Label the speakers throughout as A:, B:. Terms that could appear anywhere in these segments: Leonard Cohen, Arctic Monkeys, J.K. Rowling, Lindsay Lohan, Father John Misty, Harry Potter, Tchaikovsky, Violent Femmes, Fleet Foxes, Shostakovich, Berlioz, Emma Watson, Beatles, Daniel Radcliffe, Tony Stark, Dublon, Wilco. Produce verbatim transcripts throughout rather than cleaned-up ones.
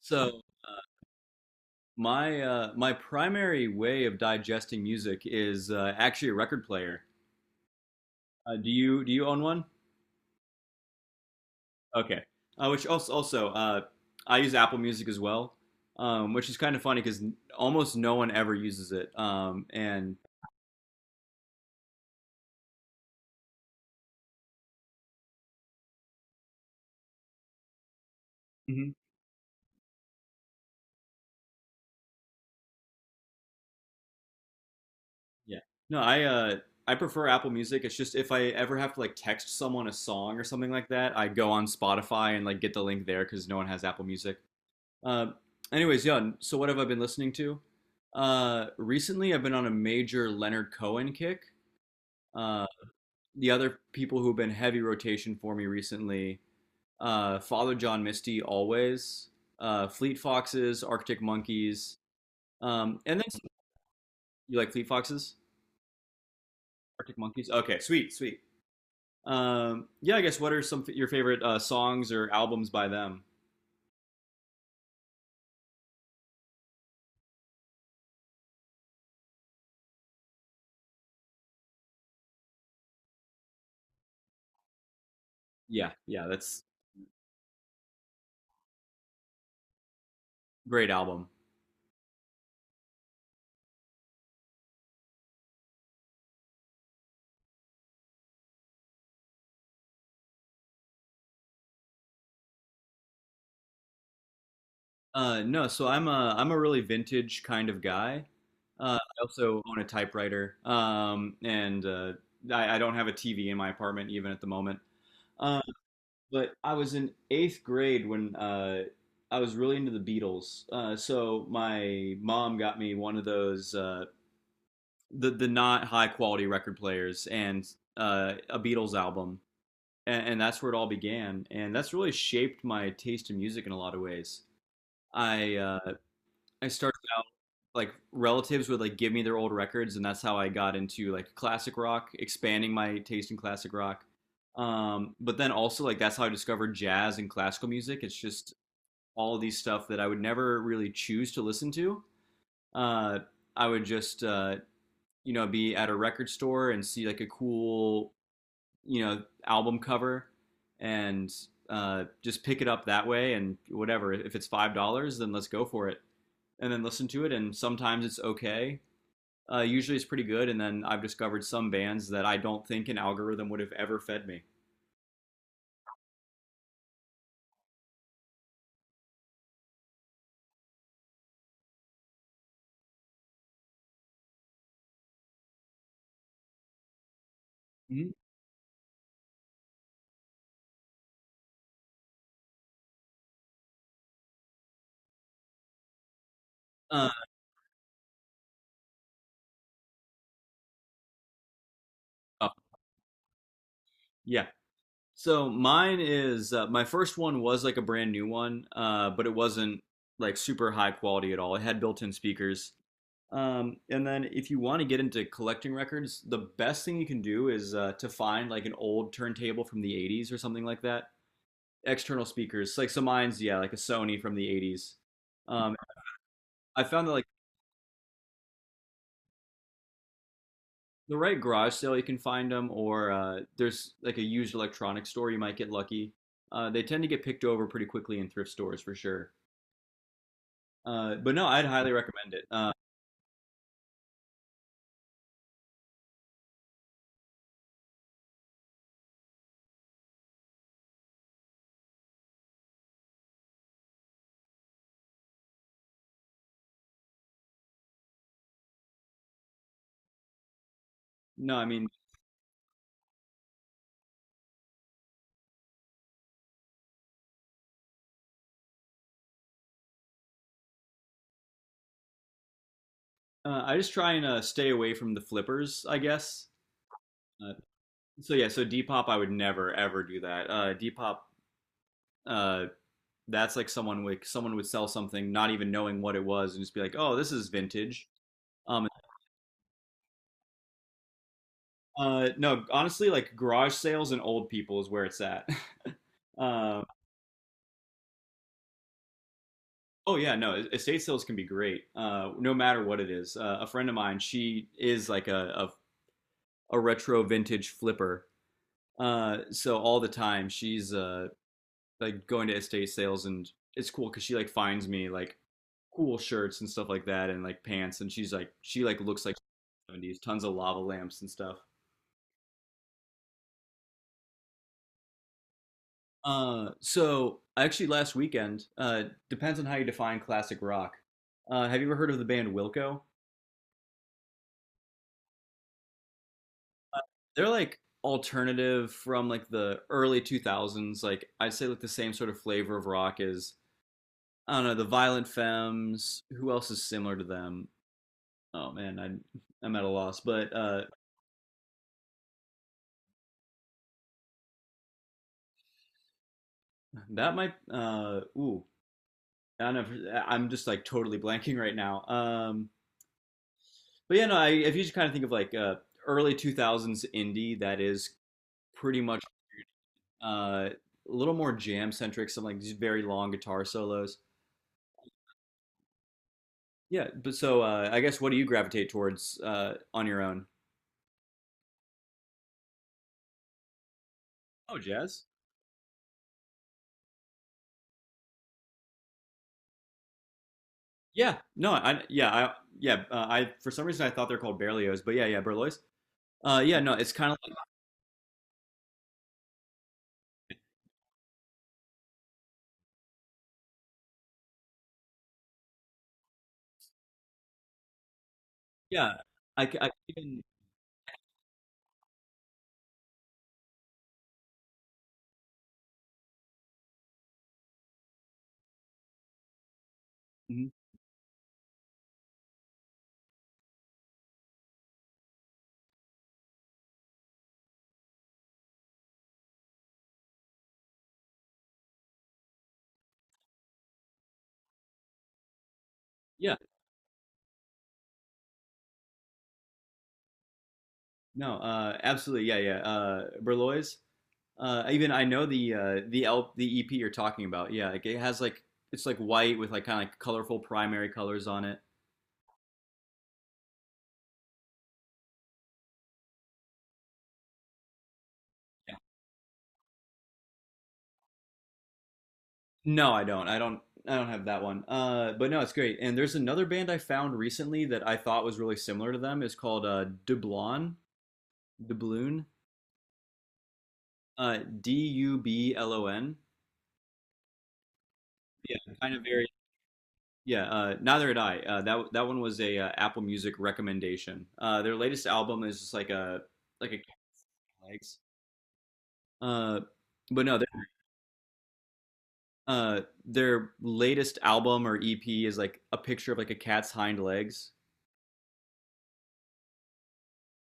A: So my uh, my primary way of digesting music is uh, actually a record player. Uh, do you do you own one? Okay. Uh, which also also uh, I use Apple Music as well, um, which is kind of funny because almost no one ever uses it. Um, and Mhm. yeah, no, I uh, I prefer Apple Music. It's just if I ever have to like text someone a song or something like that, I go on Spotify and like get the link there because no one has Apple Music. Uh, anyways, yeah. So what have I been listening to? Uh, recently, I've been on a major Leonard Cohen kick. Uh, the other people who've been heavy rotation for me recently: uh, Father John Misty, always. Uh, Fleet Foxes, Arctic Monkeys, um, and then you like Fleet Foxes, Arctic Monkeys. Okay, sweet, sweet. Um, yeah, I guess what are some your favorite uh, songs or albums by them? Yeah, yeah, that's great album. Uh, no, so I'm a I'm a really vintage kind of guy. Uh, I also own a typewriter, um, and uh, I, I don't have a T V in my apartment even at the moment. Uh, but I was in eighth grade when uh, I was really into the Beatles. Uh, so my mom got me one of those uh, the the not high quality record players and uh, a Beatles album, and, and that's where it all began. And that's really shaped my taste in music in a lot of ways. I uh, I started like relatives would like give me their old records, and that's how I got into like classic rock, expanding my taste in classic rock. Um but then also, like, that's how I discovered jazz and classical music. It's just all of these stuff that I would never really choose to listen to. Uh i would just uh you know be at a record store and see like a cool you know album cover, and uh just pick it up that way. And whatever, if it's five dollars, then let's go for it, and then listen to it. And sometimes it's okay, uh, usually is pretty good. And then I've discovered some bands that I don't think an algorithm would have ever fed me. Mhm. Uh, oh, yeah. So mine is uh, my first one was like a brand new one, uh, but it wasn't like super high quality at all. It had built-in speakers. Um, and then if you want to get into collecting records, the best thing you can do is uh, to find like an old turntable from the eighties or something like that. External speakers, like so mine's yeah, like a Sony from the eighties. Um, I found that like the right garage sale you can find them, or uh, there's like a used electronics store you might get lucky. Uh, they tend to get picked over pretty quickly in thrift stores for sure, uh, but no, I'd highly recommend it. Uh, no I mean uh, I just try and uh, stay away from the flippers, I guess. uh, so yeah, so Depop I would never ever do that. Uh, depop uh, that's like someone would someone would sell something not even knowing what it was and just be like, oh, this is vintage. um, uh, no, honestly, like garage sales and old people is where it's at. um, Oh yeah, no, estate sales can be great, uh, no matter what it is. Uh, a friend of mine, she is like a a, a retro vintage flipper. Uh, so all the time she's uh, like going to estate sales, and it's cool because she like finds me like cool shirts and stuff like that, and like pants, and she's like she like looks like seventies, tons of lava lamps and stuff. Uh, so actually last weekend, uh, depends on how you define classic rock. Uh, have you ever heard of the band Wilco? They're like alternative from like the early two thousands. Like I'd say like the same sort of flavor of rock as, I don't know, the Violent Femmes. Who else is similar to them? Oh man, I I'm at a loss. But uh, that might uh, ooh I don't know. I'm just like totally blanking right now. Um, but yeah, no. I, if you just kind of think of like uh, early two thousands indie, that is pretty much uh, a little more jam centric. Some like these very long guitar solos. Yeah, but so uh, I guess what do you gravitate towards uh, on your own? Oh, jazz. Yeah, no, I yeah, I yeah, uh, I for some reason I thought they're called Berlioz, but yeah, yeah, Berlioz. Uh, yeah, no, it's kind of like yeah, I, c- I c- even mhm, yeah, no, uh, absolutely, yeah, yeah, uh, Berlioz. Uh, even I know the uh, the L the E P you're talking about. Yeah, like, it has like it's like white with like kind of like colorful primary colors on it. No, I don't. I don't. I don't have that one. Uh, but no, it's great. And there's another band I found recently that I thought was really similar to them. It's called uh, Dublon, Dubloon, uh, D U B L O N. Yeah, kind of very. Yeah, uh, neither had I. Uh, that that one was a uh, Apple Music recommendation. Uh, their latest album is just like a like a cat on legs. Uh, but no, their, uh, their latest album or E P is like a picture of like a cat's hind legs.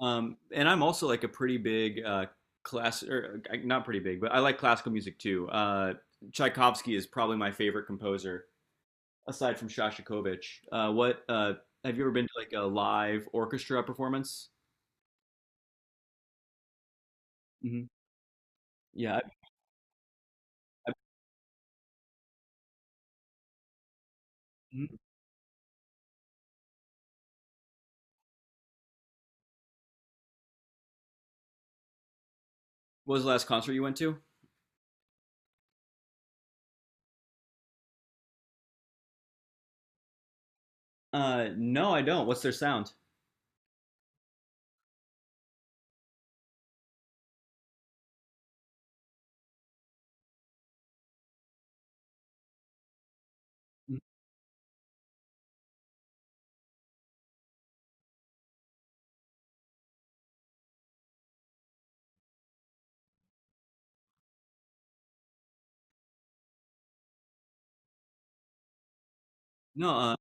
A: Um, and I'm also like a pretty big uh, class, or uh, not pretty big, but I like classical music too. Uh, Tchaikovsky is probably my favorite composer, aside from Shostakovich. Uh, what uh, Have you ever been to like a live orchestra performance? hmm Yeah. I, I, mhm. What was the last concert you went to? Uh, no, I don't. What's their sound? Mhm. No, uh,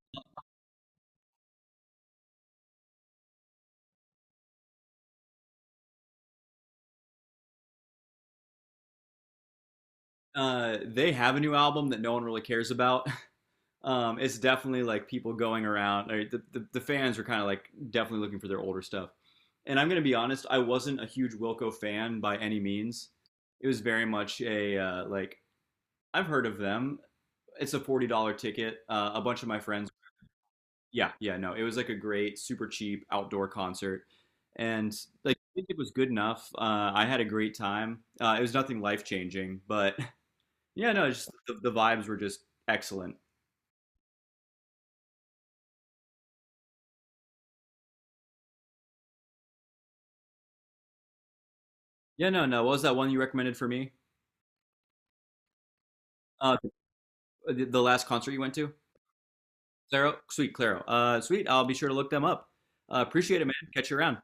A: uh, They have a new album that no one really cares about. Um, it's definitely like people going around. Like, the, the the fans were kind of like definitely looking for their older stuff. And I'm gonna be honest, I wasn't a huge Wilco fan by any means. It was very much a uh, like I've heard of them. It's a forty dollar ticket. Uh, a bunch of my friends. Yeah, yeah, no, it was like a great, super cheap outdoor concert, and like I think it was good enough. Uh, I had a great time. Uh, it was nothing life changing, but yeah, no, just the, the vibes were just excellent. Yeah, no, no. What was that one you recommended for me? Uh, the the last concert you went to, Claro, sweet Claro, uh, sweet. I'll be sure to look them up. Uh, appreciate it, man. Catch you around.